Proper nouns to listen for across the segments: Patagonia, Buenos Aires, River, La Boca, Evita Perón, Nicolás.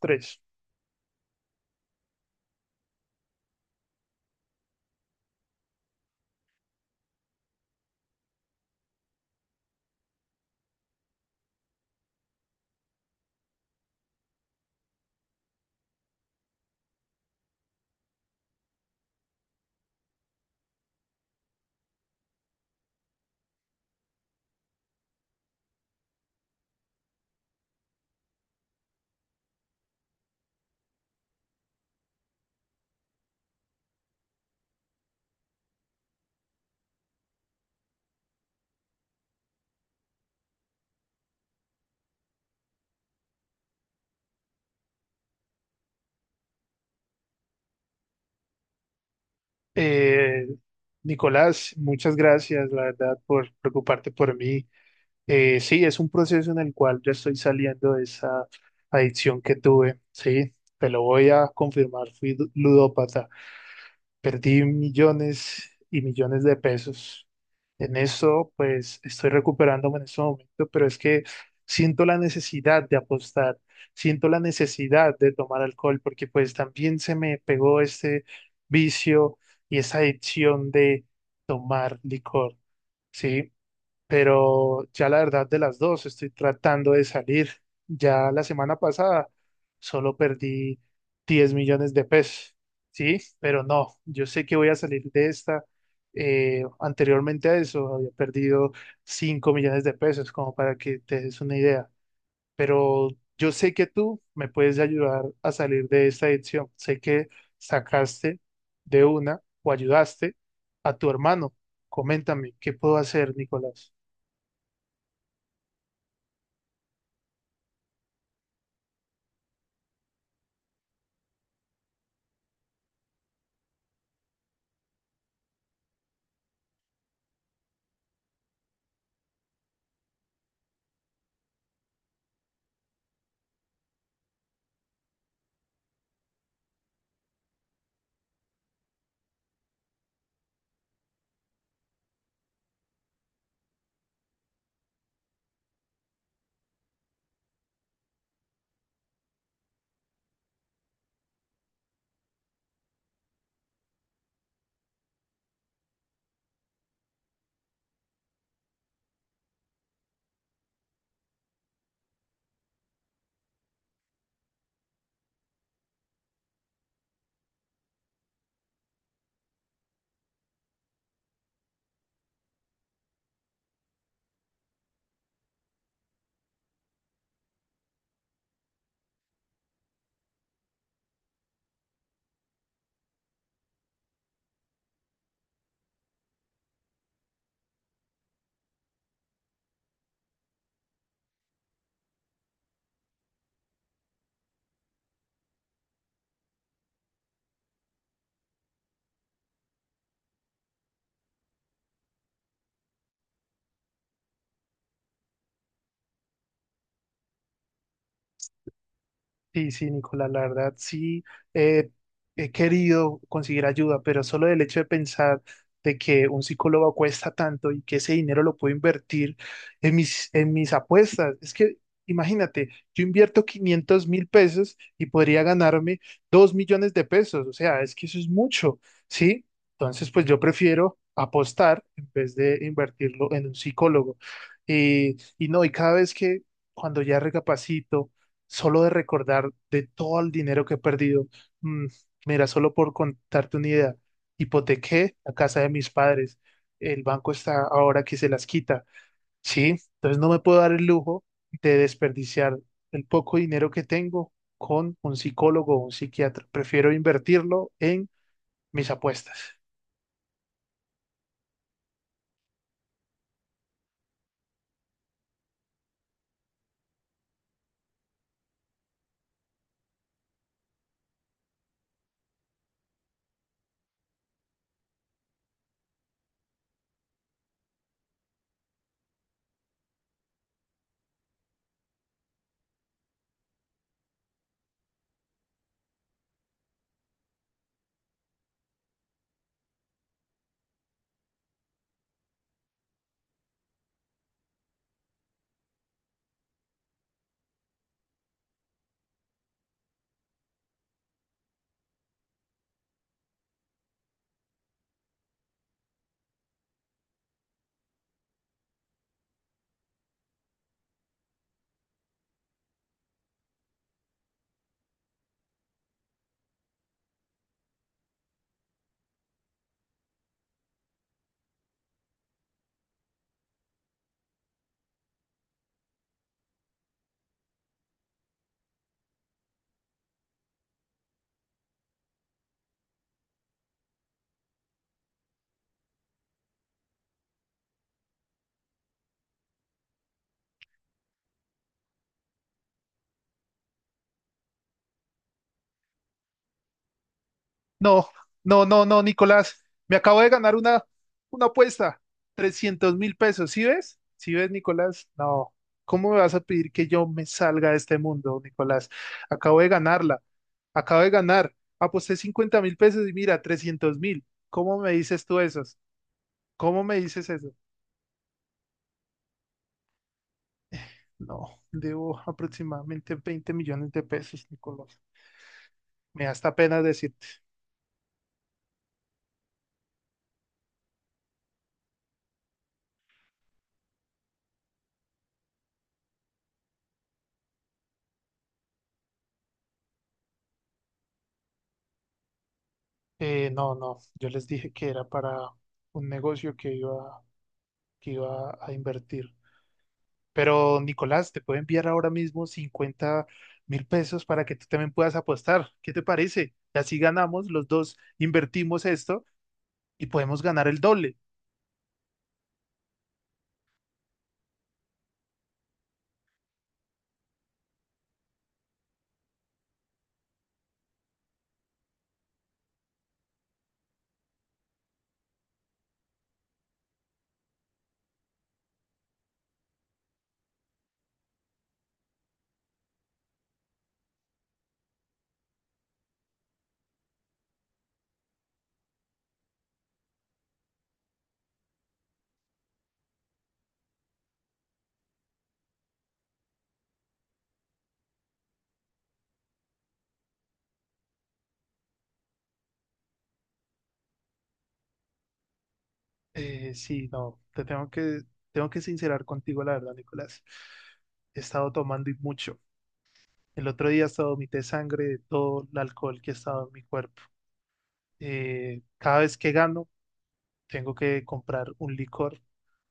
Tres. Eh, Nicolás, muchas gracias, la verdad, por preocuparte por mí. Sí, es un proceso en el cual yo estoy saliendo de esa adicción que tuve. Sí, te lo voy a confirmar, fui ludópata. Perdí millones y millones de pesos. En eso, pues estoy recuperándome en este momento, pero es que siento la necesidad de apostar, siento la necesidad de tomar alcohol, porque pues también se me pegó este vicio y esa adicción de tomar licor, ¿sí? Pero ya la verdad de las dos estoy tratando de salir. Ya la semana pasada solo perdí 10 millones de pesos, ¿sí? Pero no, yo sé que voy a salir de esta. Anteriormente a eso había perdido 5 millones de pesos, como para que te des una idea. Pero yo sé que tú me puedes ayudar a salir de esta adicción. Sé que sacaste de una o ayudaste a tu hermano. Coméntame, ¿qué puedo hacer, Nicolás? Sí, sí, Nicolás, la verdad sí, eh, he querido conseguir ayuda, pero solo el hecho de pensar de que un psicólogo cuesta tanto y que ese dinero lo puedo invertir en mis apuestas. Es que imagínate, yo invierto 500.000 pesos y podría ganarme 2 millones de pesos, o sea, es que eso es mucho, ¿sí? Entonces, pues yo prefiero apostar en vez de invertirlo en un psicólogo. Y no, y cada vez que cuando ya recapacito solo de recordar de todo el dinero que he perdido. Mm, Mira, solo por contarte una idea, hipotequé la casa de mis padres. El banco está ahora que se las quita. Sí, entonces no me puedo dar el lujo de desperdiciar el poco dinero que tengo con un psicólogo o un psiquiatra. Prefiero invertirlo en mis apuestas. No, no, no, no, Nicolás. Me acabo de ganar una apuesta. 300.000 pesos. ¿Sí ves? ¿Sí ves, Nicolás? No. ¿Cómo me vas a pedir que yo me salga de este mundo, Nicolás? Acabo de ganarla. Acabo de ganar. Aposté 50.000 pesos y mira, 300.000. ¿Cómo me dices tú eso? ¿Cómo me dices eso? No, debo aproximadamente 20 millones de pesos, Nicolás. Me da hasta pena decirte. No, no. Yo les dije que era para un negocio que iba a invertir. Pero Nicolás, te puedo enviar ahora mismo 50.000 pesos para que tú también puedas apostar. ¿Qué te parece? Y así ganamos, los dos invertimos esto y podemos ganar el doble. Sí, no, te tengo que sincerar contigo, la verdad, Nicolás. He estado tomando y mucho. El otro día hasta vomité sangre de todo el alcohol que ha estado en mi cuerpo. Cada vez que gano, tengo que comprar un licor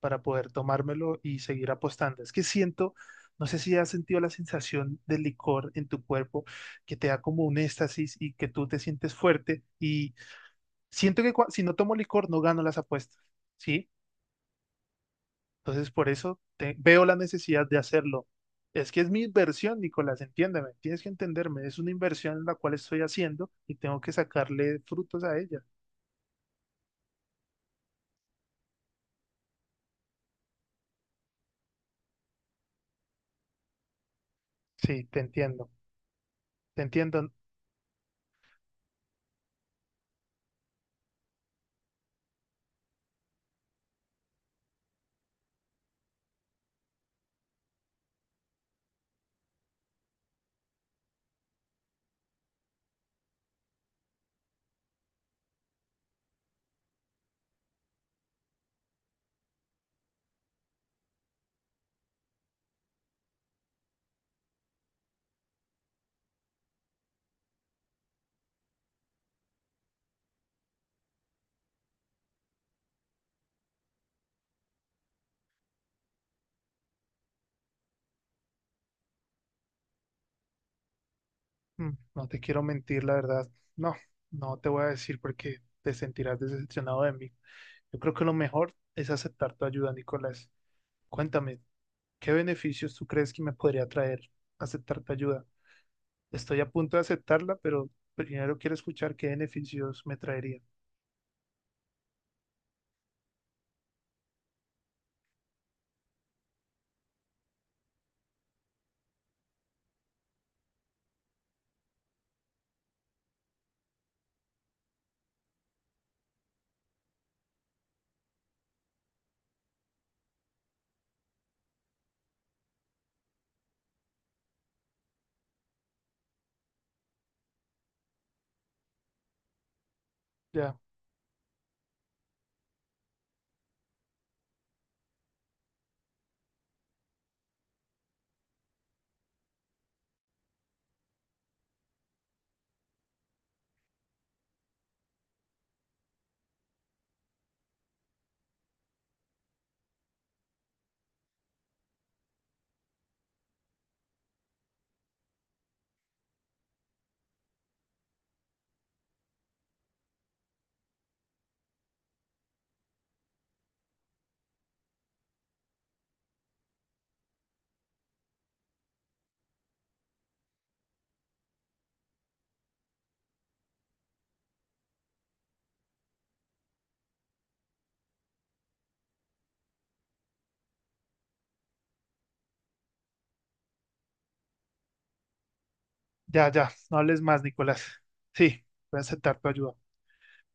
para poder tomármelo y seguir apostando. Es que siento, no sé si has sentido la sensación del licor en tu cuerpo que te da como un éxtasis y que tú te sientes fuerte y siento que si no tomo licor no gano las apuestas, ¿sí? Entonces por eso veo la necesidad de hacerlo. Es que es mi inversión, Nicolás, entiéndeme, tienes que entenderme, es una inversión en la cual estoy haciendo y tengo que sacarle frutos a ella. Sí, te entiendo, te entiendo. Mm, No te quiero mentir, la verdad. No, no te voy a decir porque te sentirás decepcionado de mí. Yo creo que lo mejor es aceptar tu ayuda, Nicolás. Cuéntame, ¿qué beneficios tú crees que me podría traer aceptar tu ayuda? Estoy a punto de aceptarla, pero primero quiero escuchar qué beneficios me traería. Ya, ya, ya, no hables más, Nicolás. Sí, voy a aceptar tu ayuda.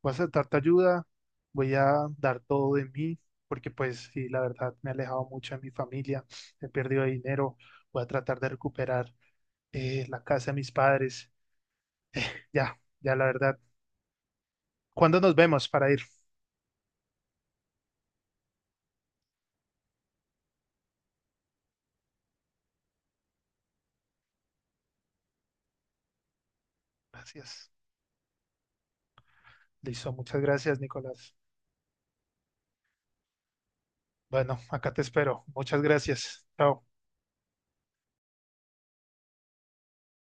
Voy a aceptar tu ayuda, voy a dar todo de mí, porque pues sí, la verdad me he alejado mucho de mi familia, he perdido dinero, voy a tratar de recuperar la casa de mis padres. Ya, ya la verdad. ¿Cuándo nos vemos para ir? Gracias. Listo, muchas gracias, Nicolás. Bueno, acá te espero. Muchas gracias. Chao.